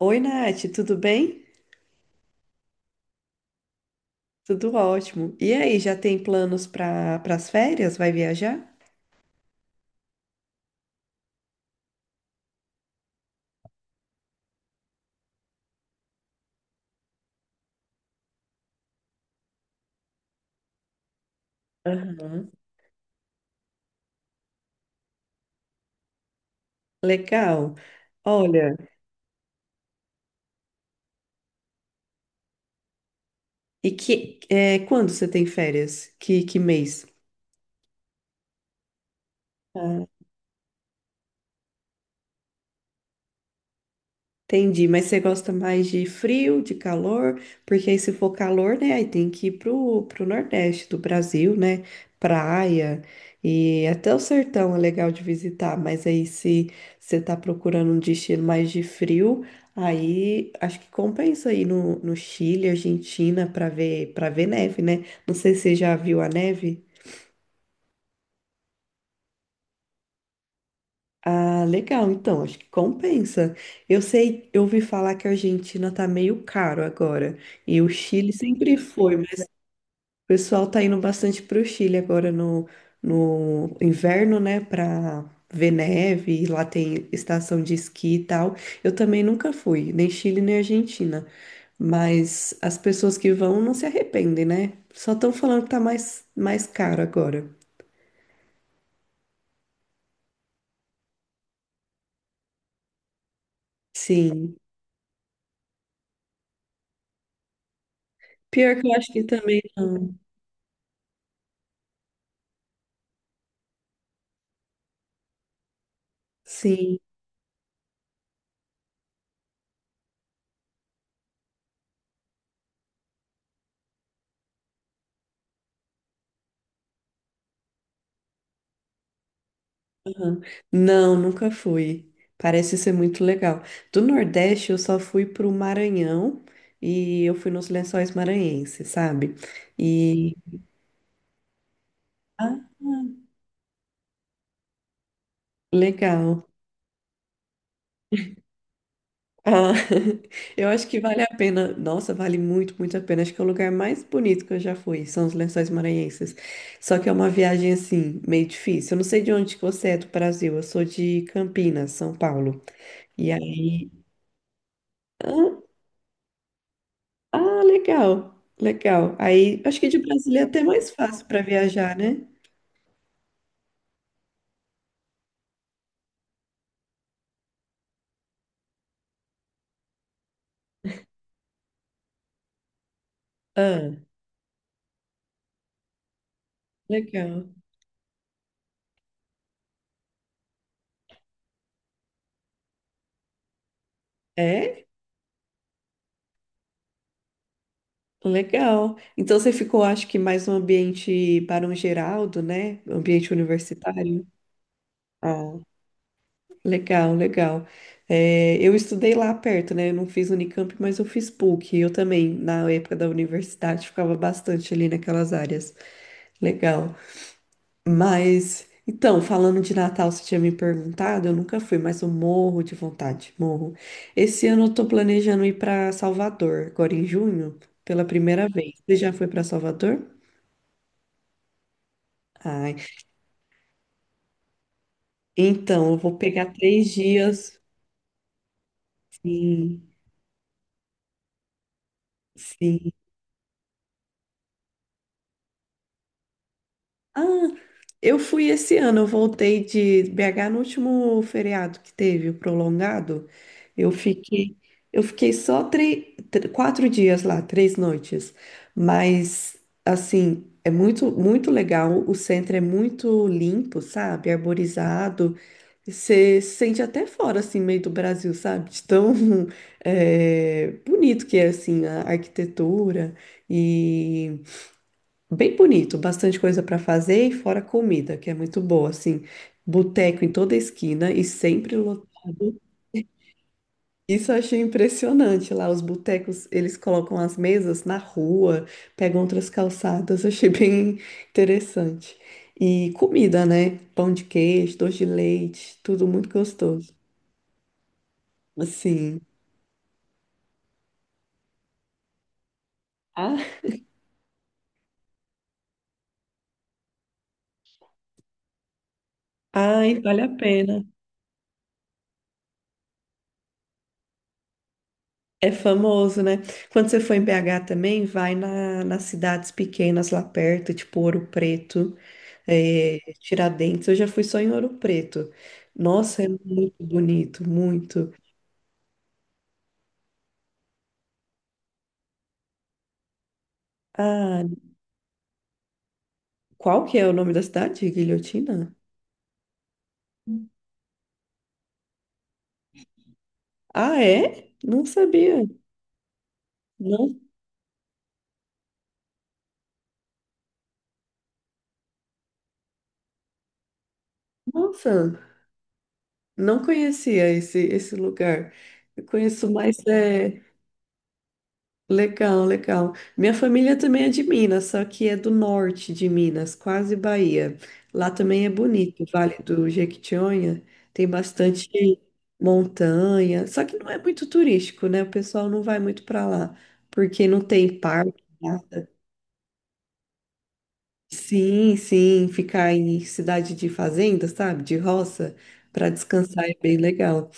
Oi, Nath, tudo bem? Tudo ótimo. E aí, já tem planos para as férias? Vai viajar? Aham. Legal. Olha, quando você tem férias? Que mês? Entendi, mas você gosta mais de frio, de calor? Porque aí se for calor, né, aí tem que ir pro Nordeste do Brasil, né? Praia e até o sertão é legal de visitar, mas aí se você tá procurando um destino mais de frio, aí acho que compensa ir no Chile, Argentina para ver neve, né? Não sei se você já viu a neve. Ah, legal. Então, acho que compensa. Eu sei, eu ouvi falar que a Argentina tá meio caro agora. E o Chile sempre foi, mas o pessoal tá indo bastante pro Chile agora no inverno, né? Pra ver neve. Lá tem estação de esqui e tal. Eu também nunca fui, nem Chile nem Argentina. Mas as pessoas que vão não se arrependem, né? Só estão falando que tá mais caro agora. Sim. Pior que eu acho que também não. Sim. Aham. Não, nunca fui. Parece ser muito legal. Do Nordeste, eu só fui pro Maranhão e eu fui nos Lençóis Maranhenses, sabe? E ah, legal. Ah, eu acho que vale a pena. Nossa, vale muito a pena. Acho que é o lugar mais bonito que eu já fui, são os Lençóis Maranhenses. Só que é uma viagem assim, meio difícil. Eu não sei de onde que você é do Brasil. Eu sou de Campinas, São Paulo. E aí, ah, ah, legal, legal. Aí, acho que de Brasília é até mais fácil para viajar, né? Ah, legal. É? Legal. Então você ficou, acho que mais um ambiente Barão Geraldo, né? Ambiente universitário. Ah, legal, legal. É, eu estudei lá perto, né? Eu não fiz Unicamp, mas eu fiz PUC. Eu também, na época da universidade, ficava bastante ali naquelas áreas. Legal. Mas, então, falando de Natal, você tinha me perguntado, eu nunca fui, mas eu morro de vontade, morro. Esse ano eu tô planejando ir para Salvador, agora em junho, pela primeira vez. Você já foi para Salvador? Ai, então, eu vou pegar 3 dias. Sim, sim. Ah, eu fui esse ano, eu voltei de BH no último feriado que teve, o prolongado. Eu fiquei, eu fiquei só 3, 4 dias lá, 3 noites. Mas, assim, é muito legal. O centro é muito limpo, sabe? Arborizado. Você se sente até fora, assim, meio do Brasil, sabe? De tão bonito que é, assim, a arquitetura. Bem bonito, bastante coisa para fazer e fora comida, que é muito boa, assim, boteco em toda esquina e sempre lotado. Isso eu achei impressionante lá, os botecos, eles colocam as mesas na rua, pegam outras calçadas, eu achei bem interessante. E comida, né? Pão de queijo, doce de leite, tudo muito gostoso. Assim, ah, ai, vale a pena. É famoso, né? Quando você for em BH também, vai nas cidades pequenas lá perto, tipo Ouro Preto, Tiradentes. Eu já fui só em Ouro Preto. Nossa, é muito bonito, muito. Ah, qual que é o nome da cidade? Guilhotina? Ah, é? Não sabia. Não, nossa, não conhecia esse lugar. Eu conheço mais. É Legal, legal. Minha família também é de Minas, só que é do norte de Minas, quase Bahia. Lá também é bonito, o Vale do Jequitinhonha tem bastante montanha, só que não é muito turístico, né? O pessoal não vai muito para lá, porque não tem parque, nada. Sim, sim, ficar em cidade de fazenda, sabe? De roça, para descansar é bem legal.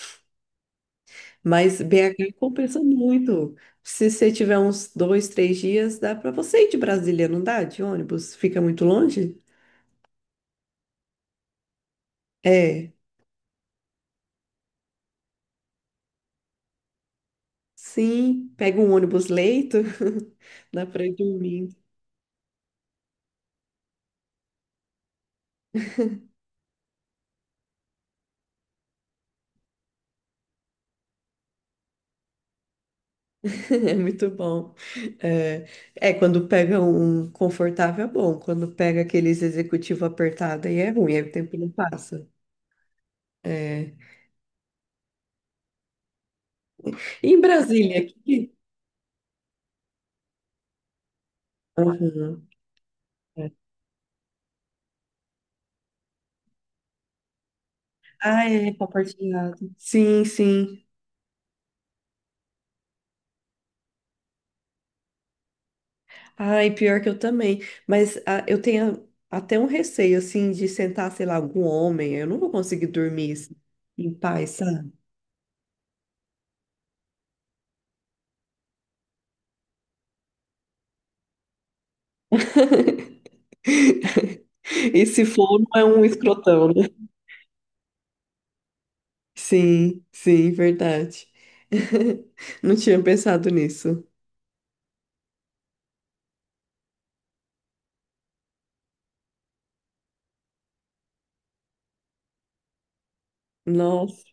Mas BH compensa muito. Se você tiver uns dois, 3 dias, dá para você ir de Brasília, não dá? De ônibus? Fica muito longe? É, sim. Pega um ônibus leito, dá para ir dormindo. É muito bom. É, quando pega um confortável é bom. Quando pega aqueles executivo apertado aí é ruim, aí o tempo não passa. É. E em Brasília, aqui. Aham. É. Ah, é, compartilhado. Sim, sim. Ai, pior que eu também. Mas ah, eu tenho até um receio, assim, de sentar, sei lá, algum homem. Eu não vou conseguir dormir assim, em paz, sabe? E se for, não é um escrotão, né? Sim, sim, verdade. Não tinha pensado nisso. Nossa,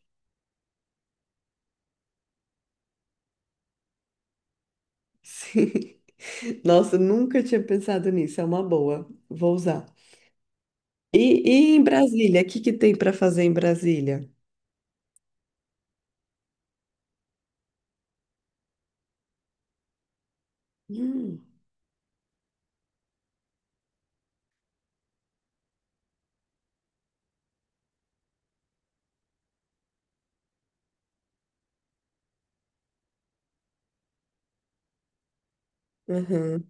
sim. Nossa, nunca tinha pensado nisso. É uma boa. Vou usar. E, e em Brasília? O que que tem para fazer em Brasília? Hum. Aham.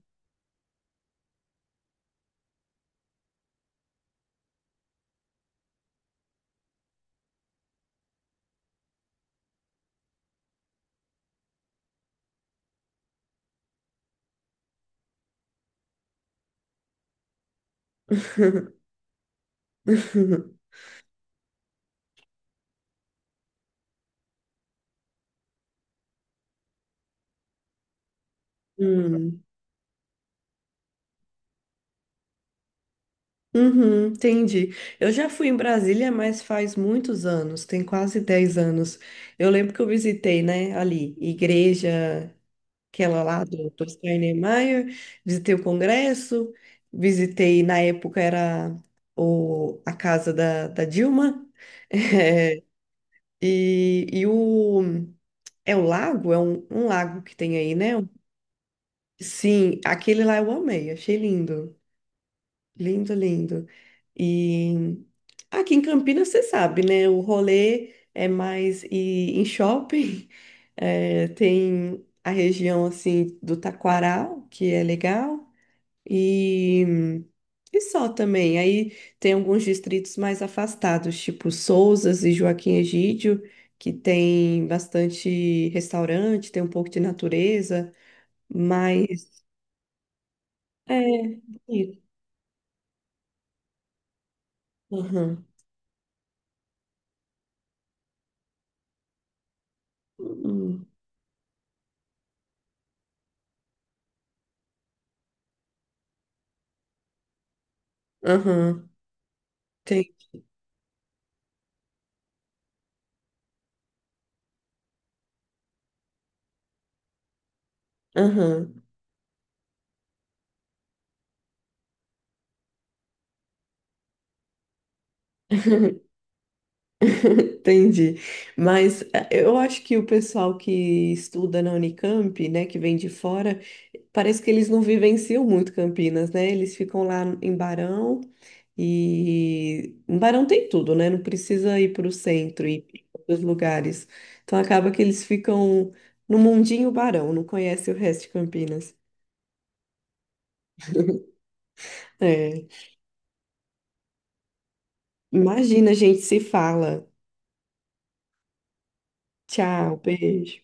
Hum. Uhum, entendi. Eu já fui em Brasília, mas faz muitos anos, tem quase 10 anos. Eu lembro que eu visitei, né, ali, igreja, aquela lá do Steinmeier, visitei o Congresso, visitei, na época era a casa da Dilma, eh, e o... É o lago? É um lago que tem aí, né? Sim, aquele lá eu amei, achei lindo. Lindo, lindo. E aqui em Campinas, você sabe, né? O rolê é mais ir em shopping. É, tem a região, assim, do Taquaral, que é legal. E, e só também. Aí tem alguns distritos mais afastados, tipo Sousas e Joaquim Egídio, que tem bastante restaurante, tem um pouco de natureza, mas... É, bonito. Aham. Uhum. Aham. Tem Aham, entendi. Mas eu acho que o pessoal que estuda na Unicamp, né, que vem de fora, parece que eles não vivenciam muito Campinas, né? Eles ficam lá em Barão e em Barão tem tudo, né? Não precisa ir para o centro e ir para outros lugares. Então acaba que eles ficam no mundinho Barão, não conhece o resto de Campinas. É. Imagina, a gente se fala. Tchau, beijo.